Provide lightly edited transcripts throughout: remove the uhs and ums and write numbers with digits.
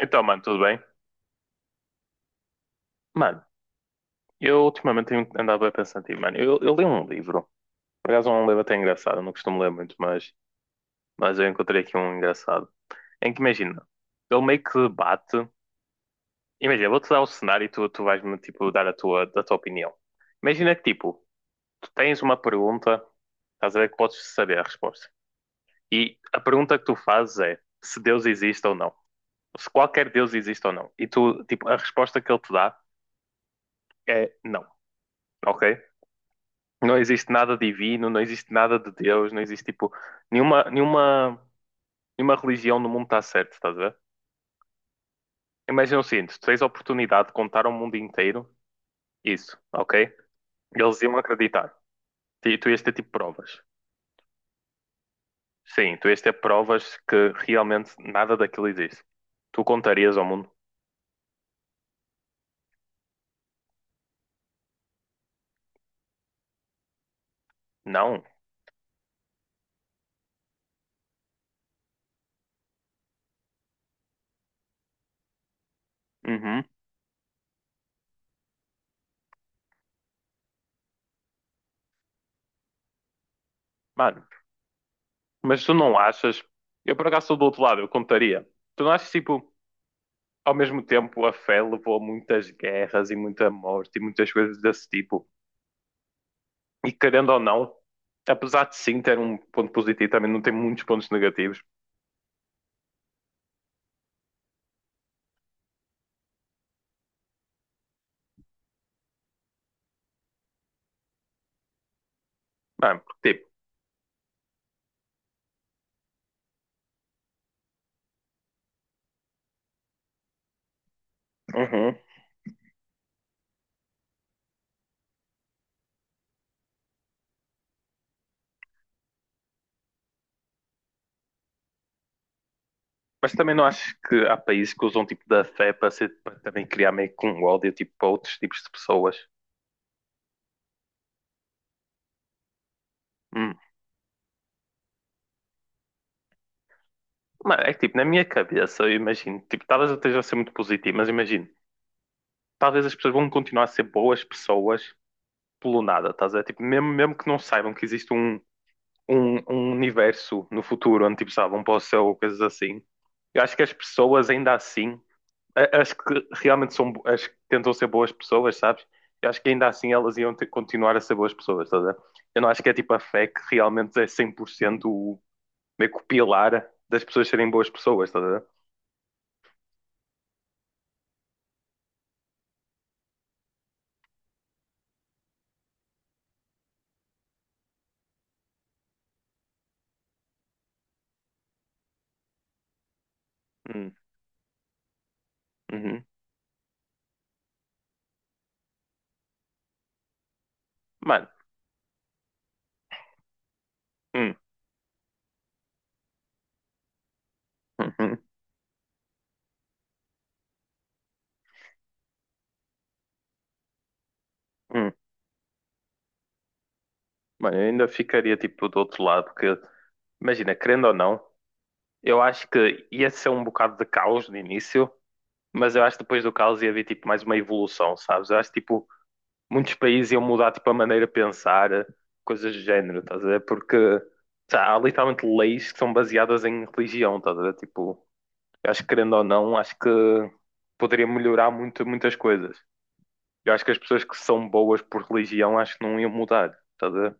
Então, mano, tudo bem? Mano, eu ultimamente tenho andado bem pensativo, mano. Eu li um livro. Por acaso é um livro até engraçado, eu não costumo ler muito, mas eu encontrei aqui um engraçado. Em que imagina, ele meio que debate. Imagina, eu vou-te dar o cenário e tu vais-me tipo, dar a tua opinião. Imagina que tipo, tu tens uma pergunta, estás a ver que podes saber a resposta. E a pergunta que tu fazes é se Deus existe ou não. Se qualquer Deus existe ou não. E tu, tipo, a resposta que ele te dá é não, ok? Não existe nada divino, não existe nada de Deus, não existe tipo nenhuma, nenhuma, nenhuma religião no mundo está certa, estás a ver? Imagina o seguinte, tu tens a oportunidade de contar ao mundo inteiro isso, ok? Eles iam acreditar. E tu ias ter tipo provas. Sim, tu ias ter provas que realmente nada daquilo existe. Tu contarias ao mundo? Não. Uhum. Mano, mas tu não achas? Eu por acaso sou do outro lado, eu contaria. Tu não achas tipo, ao mesmo tempo a fé levou a muitas guerras e muita morte e muitas coisas desse tipo? E querendo ou não, apesar de sim ter um ponto positivo, também não tem muitos pontos negativos. Mano, porque, tipo, uhum. Mas também não acho que há países que usam tipo da fé para, ser, para também criar meio que um ódio tipo, para outros tipos de pessoas. Hum. Mano, é que tipo, na minha cabeça, eu imagino, tipo, talvez eu esteja a ser muito positivo, mas imagino, talvez as pessoas vão continuar a ser boas pessoas pelo nada, estás a ver? Tipo, mesmo que não saibam que existe um universo no futuro onde tipo, sabem, vão para céu ou coisas assim, eu acho que as pessoas ainda assim acho que realmente são, acho que tentam ser boas pessoas, sabes? Eu acho que ainda assim elas continuar a ser boas pessoas, estás a ver? Eu não acho que é tipo a fé que realmente é 100% o, meio que o pilar das pessoas serem boas pessoas, estás a ver? Hum, uhum. Mano, hum, uhum, hum. Mano, eu ainda ficaria tipo do outro lado, porque imagina, querendo ou não, eu acho que ia ser um bocado de caos no início, mas eu acho que depois do caos ia haver tipo mais uma evolução, sabes? Eu acho tipo muitos países iam mudar tipo a maneira de pensar, coisas do género, estás a ver? Porque sei lá, há literalmente leis que são baseadas em religião, estás a ver? Tipo, eu acho que querendo ou não, acho que poderia melhorar muito, muitas coisas. Eu acho que as pessoas que são boas por religião acho que não iam mudar, estás a ver?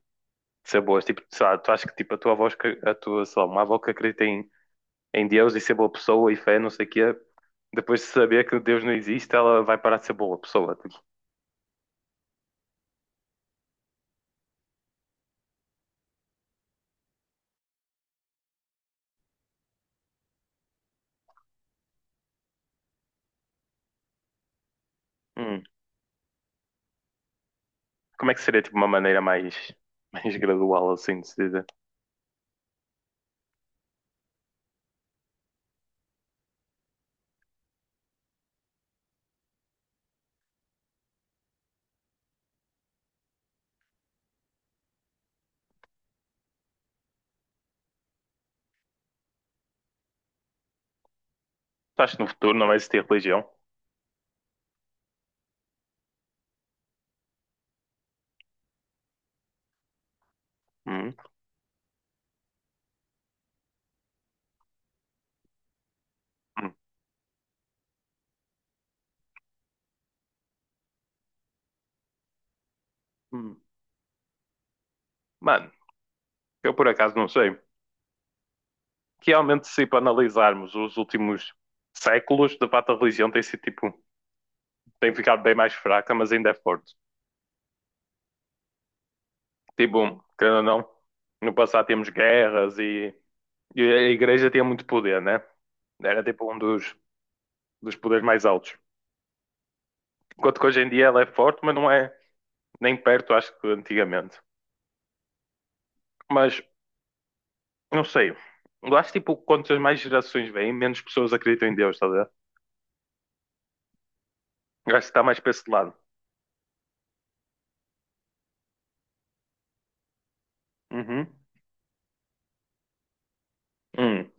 De ser boas, tipo, sei lá, tu achas que tipo a tua avó, a tua, sei lá, uma avó que acredita em, em Deus e ser boa pessoa e fé, não sei o quê, depois de saber que Deus não existe, ela vai parar de ser boa pessoa, tipo, hum. Como é que seria tipo uma maneira mais, mais gradual assim de se dizer? Tu achas que no futuro não vai existir religião? Hum, hum, hum. Mano, eu por acaso não sei. Realmente, se para analisarmos os últimos séculos, de fato a religião tem sido tipo, tem ficado bem mais fraca, mas ainda é forte. Tipo, querendo ou não, no passado tínhamos guerras e a igreja tinha muito poder, né? Era tipo um dos, dos poderes mais altos. Enquanto que hoje em dia ela é forte, mas não é nem perto, acho que antigamente. Mas não sei. Eu acho tipo, quantas mais gerações vêm, menos pessoas acreditam em Deus, estás a ver? Eu acho que está mais para esse lado. Uhum. Hum.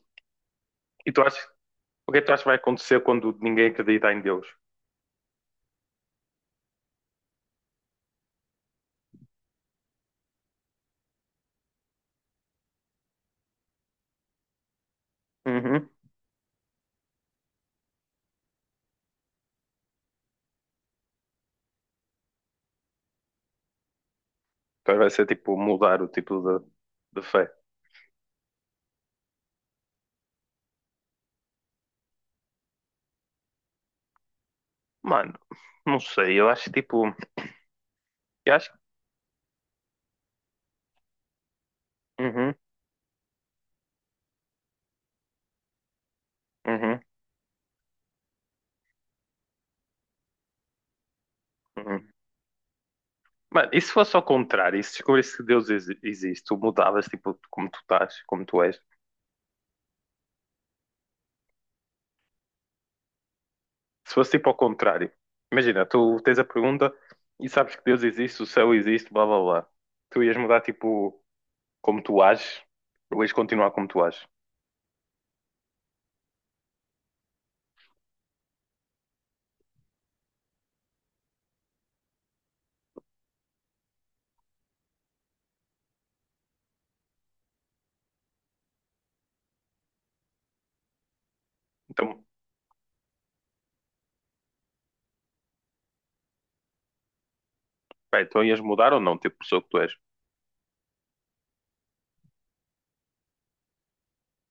E tu achas, o que é que tu achas que vai acontecer quando ninguém acredita em Deus? Uhum. Então vai ser tipo mudar o tipo de fé. Mano, não sei, eu acho que, tipo. Eu acho. Que. Uhum, uhum, uhum. Mano, e se fosse ao contrário, e se descobrisse que Deus existe, tu mudavas tipo como tu estás, como tu és? Se fosse tipo ao contrário, imagina, tu tens a pergunta e sabes que Deus existe, o céu existe, blá blá blá. Tu ias mudar tipo como tu ages, ou ias continuar como tu ages. Então, pá, então ias mudar ou não, tipo pessoa que tu és?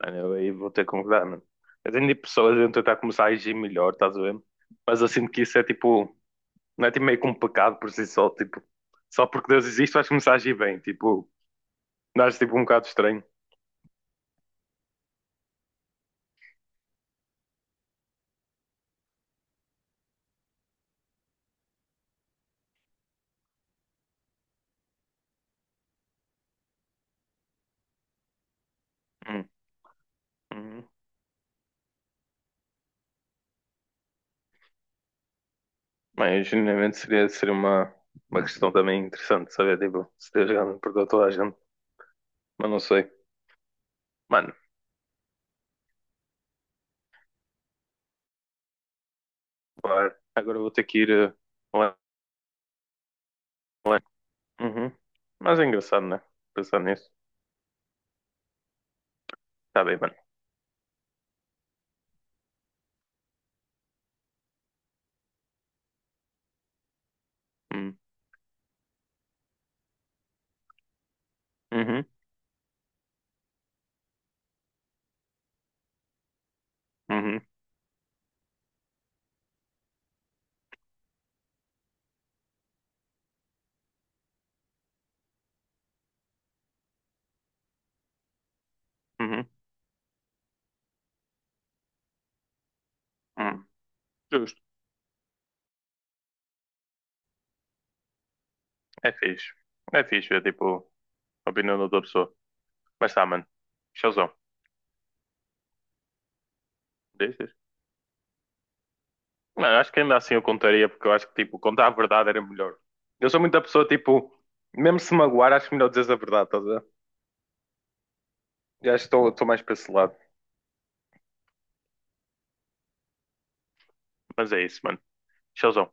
Mano, eu aí vou ter que concordar, mano. Eu tenho tipo, pessoas a tentar começar a agir melhor, estás a ver? Mas eu sinto que isso é tipo, não é tipo meio que um pecado por si só, tipo, só porque Deus existe vais começar a agir bem, tipo, dás tipo um bocado estranho. Hum. Hum. Mas genuinamente seria uma questão também interessante saber, tipo, se Deus grande perdoa toda a gente, mas não sei. Mano, claro. Agora vou ter que ir. Lá- lá. Uhum. Mas é engraçado, né? Pensar nisso. Tá bem, mano. Hum. Uhum. Uhum. Uhum. Uhum. Justo. É fixe. É fixe ver, tipo, a opinião da outra pessoa. Mas tá, mano. Showzão. Diz, diz. Mano, acho que ainda assim eu contaria, porque eu acho que, tipo, contar a verdade era melhor. Eu sou muita pessoa, tipo, mesmo se magoar, acho melhor dizer a verdade, estás. Eu acho que estou mais para esse lado. Mas é isso, mano. Tchauzão.